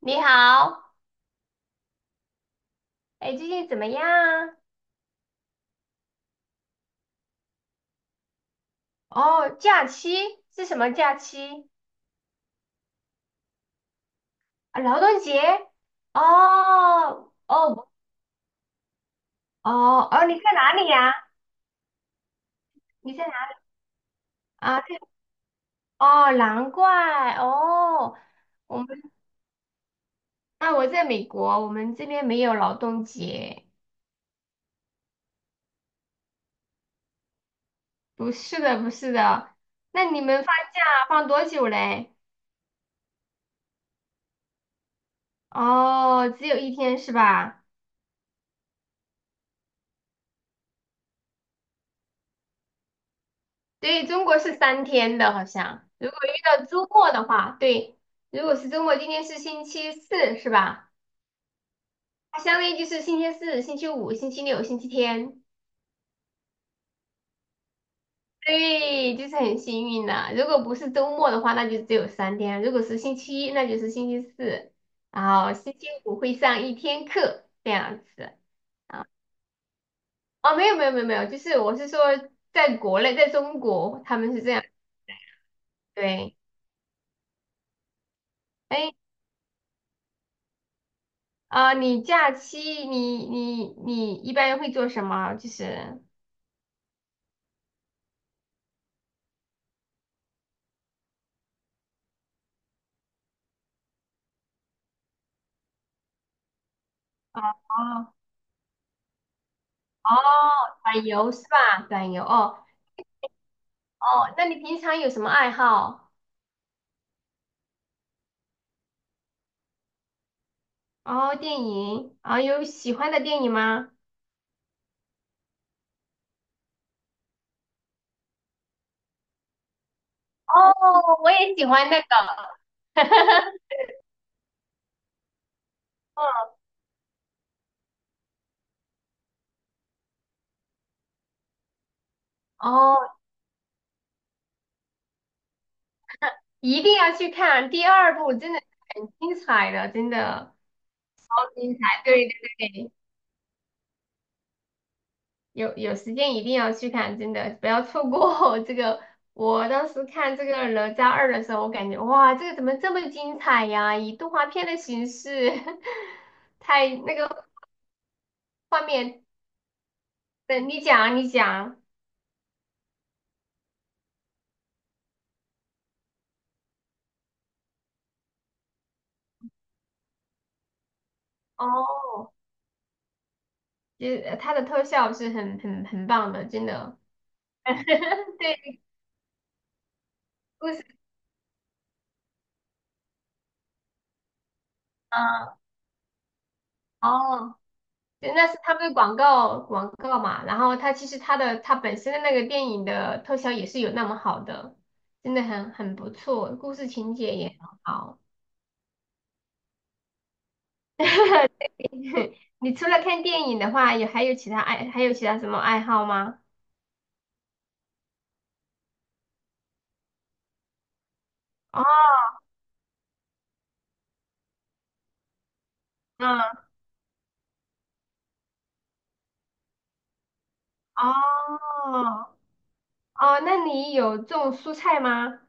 你好，哎，最近怎么样啊？哦，假期是什么假期？啊，劳动节？哦哦。哦哦，你在哪里呀？你在哪啊？对。哦，难怪哦。我们啊，我在美国，我们这边没有劳动节。不是的，不是的。那你们放假放多久嘞？哦，只有一天是吧？对，中国是三天的，好像。如果遇到周末的话，对，如果是周末，今天是星期四，是吧？它相当于就是星期四、星期五、星期六、星期天。对，就是很幸运的。如果不是周末的话，那就只有三天；如果是星期一，那就是星期四，然后星期五会上一天课，这样子啊。哦，没有，就是我是说，在国内，在中国，他们是这样。对。哎，你假期你一般会做什么？就是哦哦。哦，短游是吧？短游哦。哦，那你平常有什么爱好？哦，电影啊，有喜欢的电影吗？哦，我也喜欢那个。哦，一定要去看第二部，真的很精彩的，真的好精彩。对对对，有有时间一定要去看，真的不要错过 这个。我当时看这个《哪吒二》的时候，我感觉哇，这个怎么这么精彩呀？以动画片的形式，太那个画面，等你讲啊你讲。哦，就是它的特效是很棒的，真的。对，故事，哦。对，那是他们的广告广告嘛，然后他其实他的他本身的那个电影的特效也是有那么好的，真的很不错，故事情节也很好。你除了看电影的话，还有其他什么爱好吗？哦，嗯，哦，哦，那你有种蔬菜吗？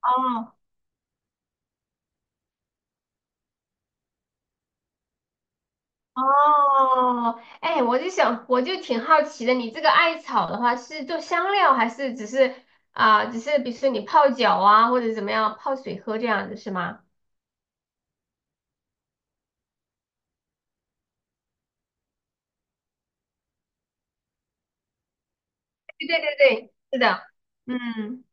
哦哦。哎，我就想，我就挺好奇的，你这个艾草的话是做香料，还是只是只是比如说你泡脚啊，或者怎么样泡水喝这样子是吗？对对对对，是的，嗯，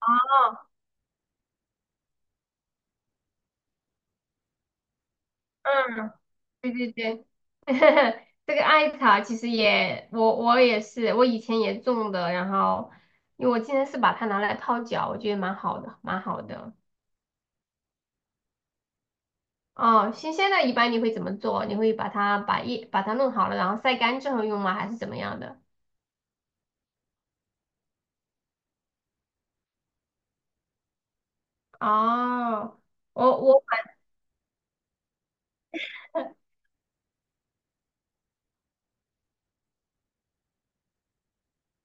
哦，嗯，对对对，这个艾草其实也，我也是，我以前也种的，然后因为我今天是把它拿来泡脚，我觉得蛮好的，蛮好的。哦，新鲜的一般你会怎么做？你会把它把叶把它弄好了，然后晒干之后用吗？还是怎么样的？哦，我我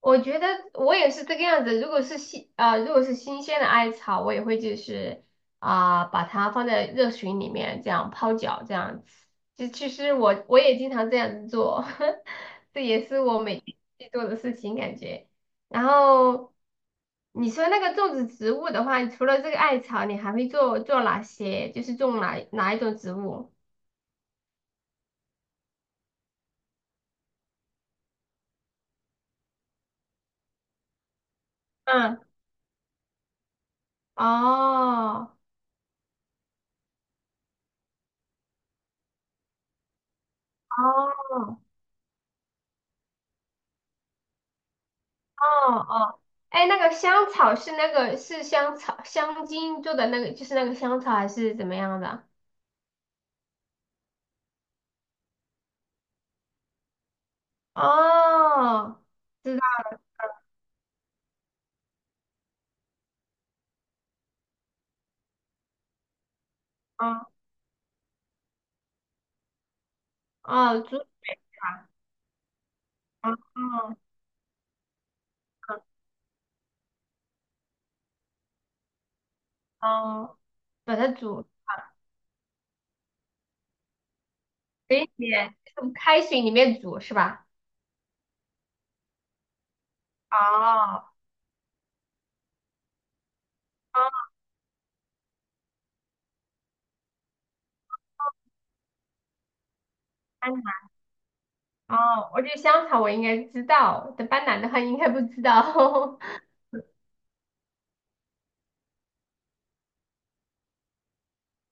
我觉得我也是这个样子。如果是新啊，如果是新鲜的艾草，我也会就是把它放在热水里面这样泡脚这样子。就其实我也经常这样子做，这也是我每天去做的事情感觉。然后你说那个种植植物的话，除了这个艾草，你还会做哪些？就是种哪一种植物？嗯，哦哦，哦哦，哎，那个香草是那个是香草香精做的那个，就是那个香草还是怎么样的啊？哦，知道啊。哦，煮，哦哦哦，把它煮，给你用开水里面煮是吧？哦哦，斑斓，哦，我觉得香草我应该知道，但斑斓的话应该不知道。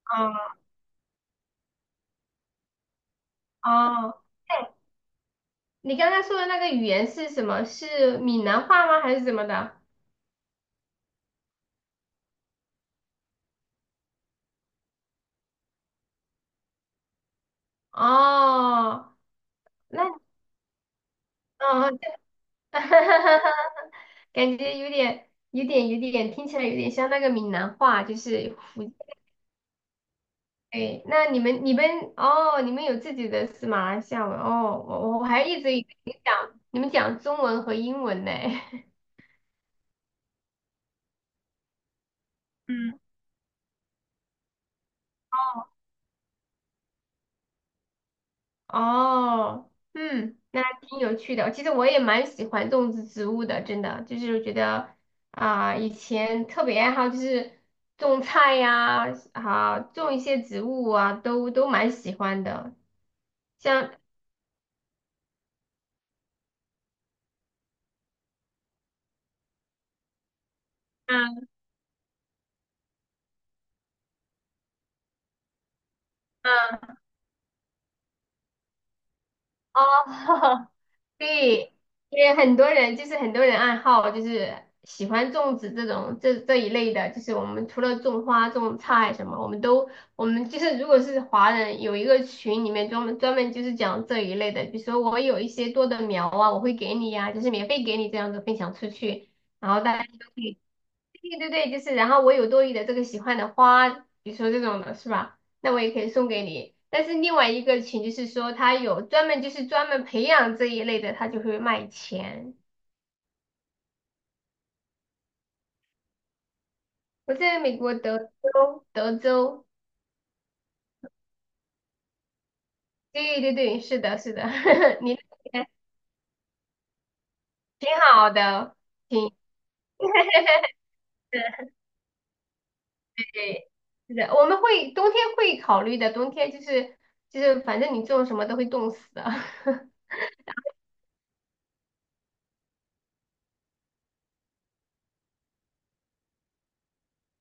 哦哦。哎，你刚才说的那个语言是什么？是闽南话吗？还是怎么的？哦。那哦，这 感觉有点，听起来有点像那个闽南话，就是福建。哎，那你们、你们哦，你们有自己的是马来西亚文哦，我还一直以为你讲你们讲中文和英文呢。嗯。哦。哦，嗯，那还挺有趣的。其实我也蛮喜欢种植植物的，真的，就是觉得以前特别爱好就是种菜呀，啊，种一些植物啊，都蛮喜欢的。像，啊啊，哦，对，因为很多人就是很多人爱好就是喜欢种植这种这这一类的，就是我们除了种花、种菜什么，我们都我们就是如果是华人，有一个群里面专门就是讲这一类的，比如说我有一些多的苗啊，我会给你呀，就是免费给你这样子分享出去，然后大家都可以。对对对，就是，然后我有多余的这个喜欢的花，比如说这种的是吧？那我也可以送给你。但是另外一个群就是说，他有专门就是专门培养这一类的，他就会卖钱。我在美国德州，德州，对对对，是的，是的，你那边挺好的，挺对，是的，我们会冬天会考虑的，冬天就是就是反正你种什么都会冻死的。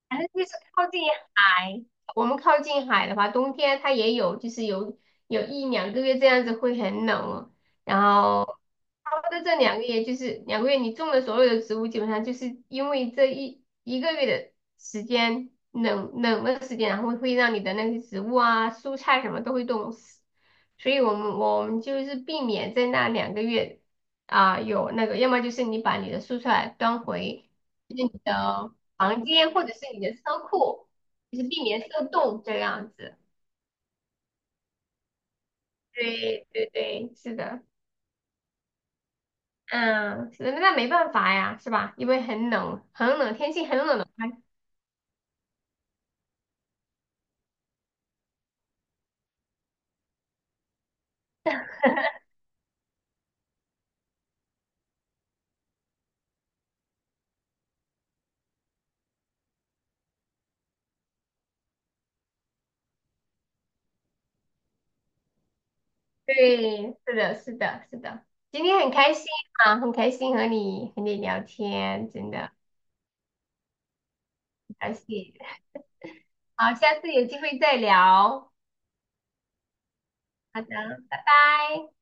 反正就是靠近海，我们靠近海的话，冬天它也有，就是有一两个月这样子会很冷哦。然后差不多这两个月，就是两个月，你种的所有的植物，基本上就是因为这一个月的时间冷的时间，然后会让你的那些植物啊、蔬菜什么都会冻死。所以我们就是避免在那两个月有那个，要么就是你把你的蔬菜端回就是你的房间或者是你的车库，就是避免受冻这样子。对对对，是的。嗯，那没办法呀，是吧？因为很冷，很冷，天气很冷的话，对，是的，是的，是的。今天很开心啊，很开心和你和你聊天，真的很开心。好，下次有机会再聊。好的，拜拜。